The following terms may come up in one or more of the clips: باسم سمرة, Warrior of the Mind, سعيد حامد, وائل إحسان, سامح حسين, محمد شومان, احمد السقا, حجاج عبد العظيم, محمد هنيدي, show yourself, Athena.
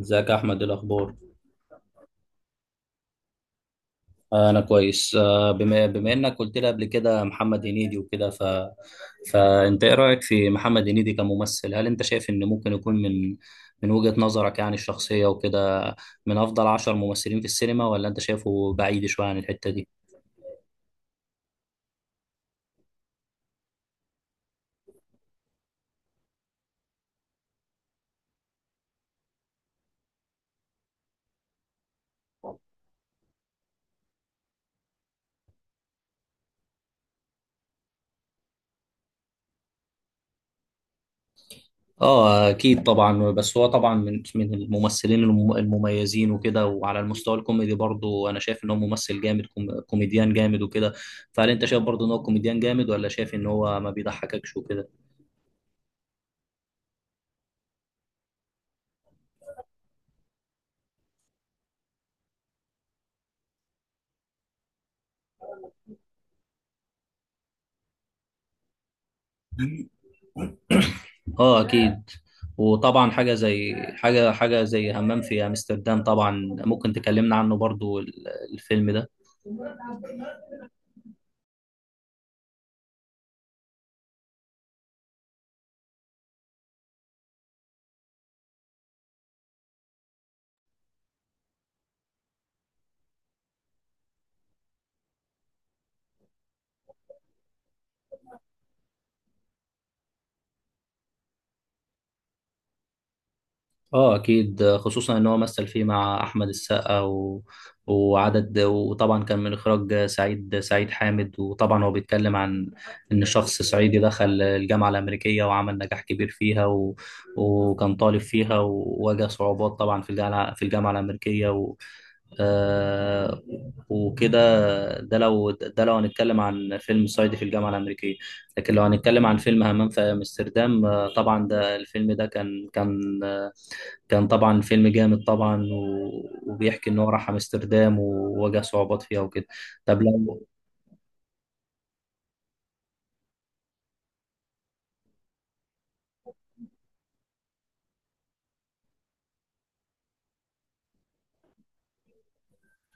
ازيك يا احمد؟ إيه الاخبار؟ انا كويس. بما انك قلت لي قبل كده محمد هنيدي وكده ف فانت ايه رايك في محمد هنيدي كممثل؟ هل انت شايف ان ممكن يكون من وجهة نظرك يعني الشخصية وكده من افضل عشر ممثلين في السينما، ولا انت شايفه بعيد شوية عن الحتة دي؟ اه اكيد طبعا، بس هو طبعا من الممثلين المميزين وكده، وعلى المستوى الكوميدي برضو انا شايف ان هو ممثل جامد، كوميديان جامد وكده. فهل انت شايف برضو ان هو كوميديان جامد، ولا شايف ان هو ما بيضحككش وكده؟ اه اكيد. وطبعا حاجه زي حاجه زي همام في امستردام، طبعا ممكن تكلمنا عنه برضو الفيلم ده. اه اكيد، خصوصا ان هو مثل فيه مع احمد السقا و... وعدد، وطبعا كان من اخراج سعيد حامد. وطبعا هو بيتكلم عن ان شخص صعيدي دخل الجامعه الامريكيه وعمل نجاح كبير فيها و... وكان طالب فيها وواجه صعوبات طبعا في الجامعه في الجامعه الامريكيه و... آه... وكده. ده لو هنتكلم عن فيلم صعيدي في الجامعه الامريكيه. لكن لو هنتكلم عن فيلم همام في امستردام، طبعا ده الفيلم ده كان طبعا فيلم جامد طبعا، و... وبيحكي ان هو راح امستردام وواجه صعوبات فيها وكده. طب لو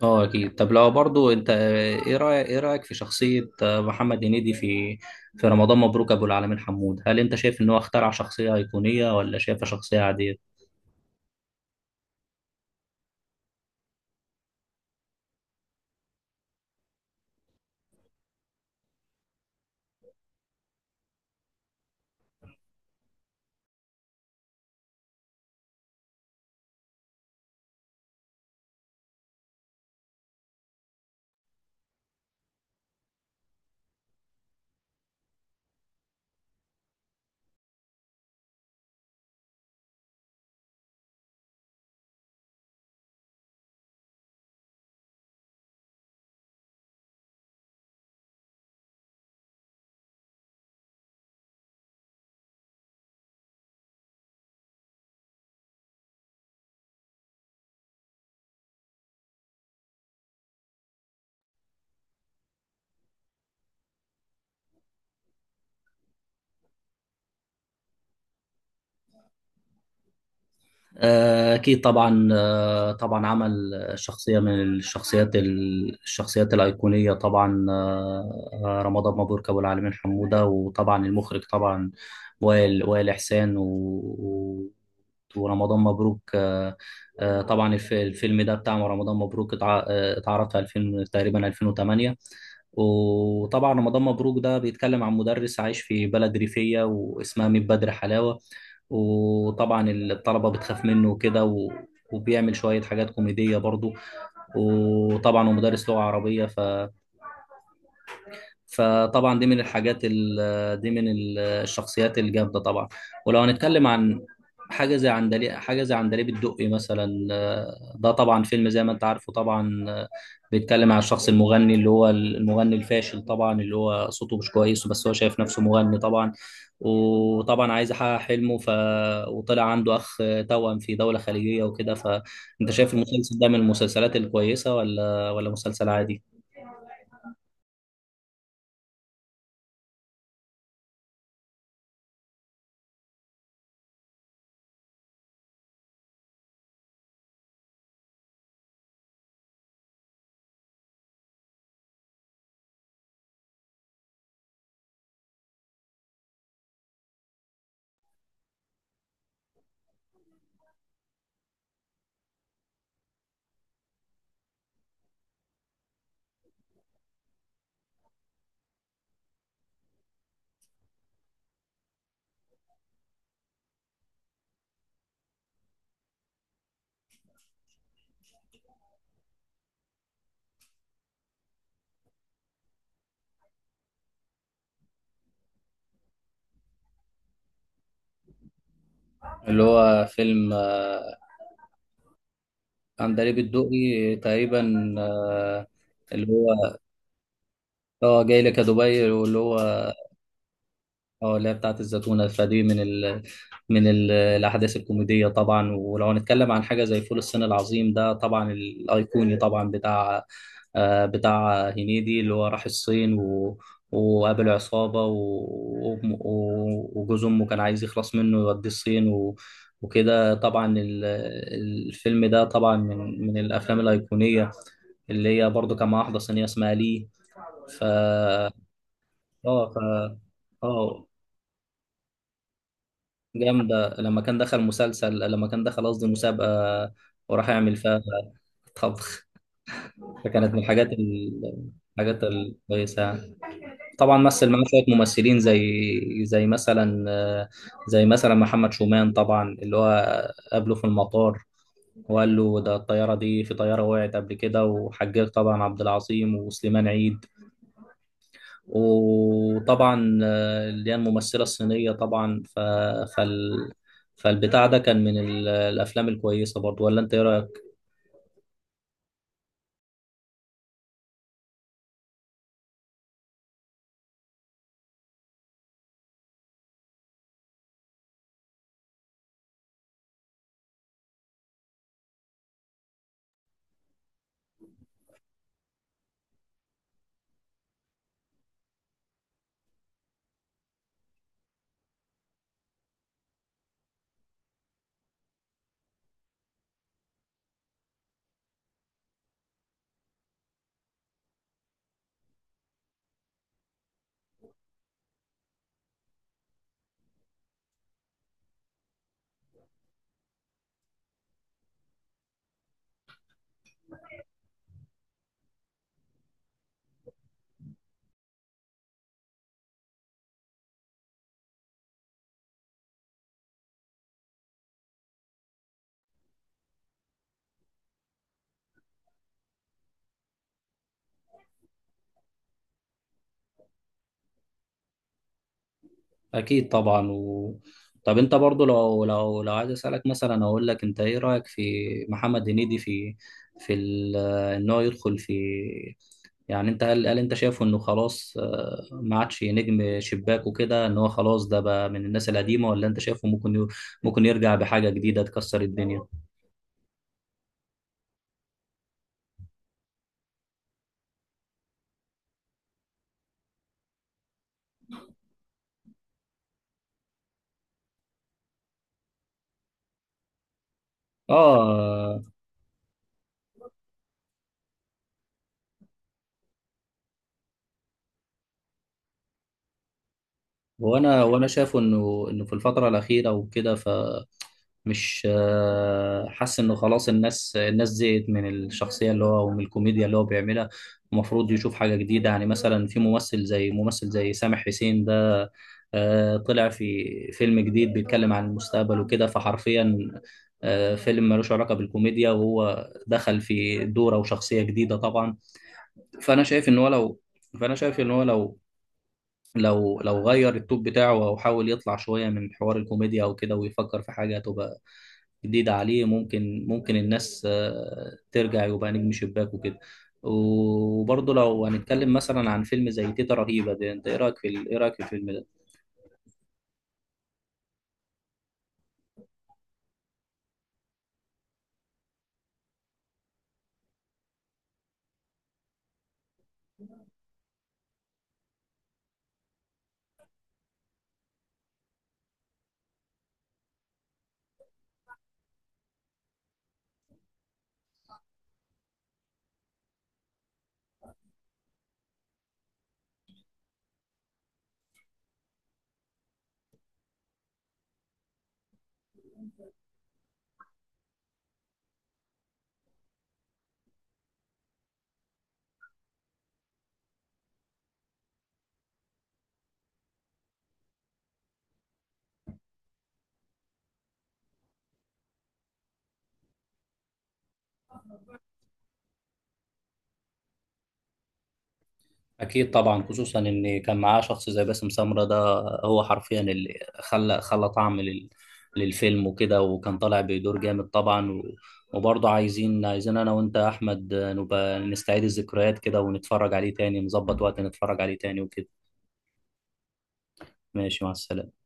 اه اكيد. طب لو برضو انت، ايه رايك في شخصيه محمد هنيدي في في رمضان مبروك ابو العالمين حمود، هل انت شايف ان هو اخترع شخصيه ايقونيه، ولا شايفها شخصيه عاديه؟ أكيد طبعا. طبعا عمل شخصية من الشخصيات الأيقونية طبعا، رمضان مبروك أبو العالمين حمودة. وطبعا المخرج طبعا وائل إحسان و... و- ورمضان مبروك. طبعا الفيلم ده بتاع رمضان مبروك اتعرض في 2000 تقريبا، 2008. وطبعا رمضان مبروك ده بيتكلم عن مدرس عايش في بلد ريفية واسمها ميت بدر حلاوة، وطبعا الطلبة بتخاف منه وكده و... وبيعمل شوية حاجات كوميدية برضو، وطبعا هو مدرس لغة عربية فطبعا دي من دي من الشخصيات الجامده طبعا. ولو هنتكلم عن حاجه زي عندليب حاجه زي عندليب الدقي مثلا، ده طبعا فيلم زي ما انت عارفه طبعا. بيتكلم عن الشخص المغني اللي هو المغني الفاشل طبعا، اللي هو صوته مش كويس بس هو شايف نفسه مغني طبعا، وطبعا عايز يحقق حلمه ف... وطلع عنده اخ توأم في دوله خليجيه وكده. فانت شايف المسلسل ده من المسلسلات الكويسه، ولا مسلسل عادي؟ اللي هو فيلم عندليب الدقي تقريبا. اللي هو اه جاي لك يا دبي، واللي هو اه اللي هي بتاعت الزتونة. فدي من من الأحداث الكوميدية طبعا. ولو هنتكلم عن حاجة زي فول الصين العظيم، ده طبعا الأيقوني طبعا بتاع بتاع هنيدي، اللي هو راح الصين و... وقابل عصابة و... وجوز أمه كان عايز يخلص منه يوديه الصين و... وكده. طبعا الفيلم ده طبعا من الأفلام الأيقونية، اللي هي برضو كان مع واحدة صينية اسمها لي. ف اه ف اه جامدة. لما كان دخل مسلسل، لما كان دخل قصدي مسابقة، وراح يعمل فيها طبخ، فكانت من الحاجات الكويسة يعني. طبعا مثل معاه شوية ممثلين زي زي مثلا زي مثلا محمد شومان طبعا، اللي هو قابله في المطار وقال له ده الطيارة دي، في طيارة وقعت قبل كده، وحجاج طبعا عبد العظيم وسليمان عيد، وطبعا اللي هي الممثلة الصينية طبعا. فال... فالبتاع ده كان من الأفلام الكويسة برضو، ولا أنت إيه رأيك؟ أكيد طبعا و... طب أنت برضو، لو عايز أسألك مثلا أقول لك، أنت إيه رأيك في محمد هنيدي في في ال... إن هو يدخل في، يعني أنت هل أنت شايفه إنه خلاص، ما عادش نجم شباك وكده، إن هو خلاص ده بقى من الناس القديمة، ولا أنت شايفه ممكن ي... ممكن يرجع بحاجة جديدة تكسر الدنيا؟ آه. وانا شايف انه في الفتره الاخيره وكده، فمش حاسس انه خلاص الناس زهقت من الشخصيه اللي هو ومن الكوميديا اللي هو بيعملها. المفروض يشوف حاجه جديده، يعني مثلا في ممثل زي سامح حسين ده، طلع في فيلم جديد بيتكلم عن المستقبل وكده، فحرفيا فيلم ملوش علاقه بالكوميديا، وهو دخل في دوره وشخصيه جديده طبعا. فانا شايف ان هو لو فانا شايف ان هو لو غير التوب بتاعه او حاول يطلع شويه من حوار الكوميديا او كده، ويفكر في حاجه تبقى جديده عليه، ممكن الناس ترجع يبقى نجم شباك وكده. وبرضه لو هنتكلم مثلا عن فيلم زي تيتا رهيبه ده، انت ايه رايك في الفيلم ده؟ أكيد طبعا، خصوصا إن كان معاه شخص زي باسم سمرة ده، هو حرفيا اللي خلى طعم للفيلم وكده، وكان طالع بدور جامد طبعا، وبرضه عايزين أنا وأنت يا أحمد نبقى نستعيد الذكريات كده ونتفرج عليه تاني، نظبط وقت نتفرج عليه تاني وكده. ماشي، مع السلامة.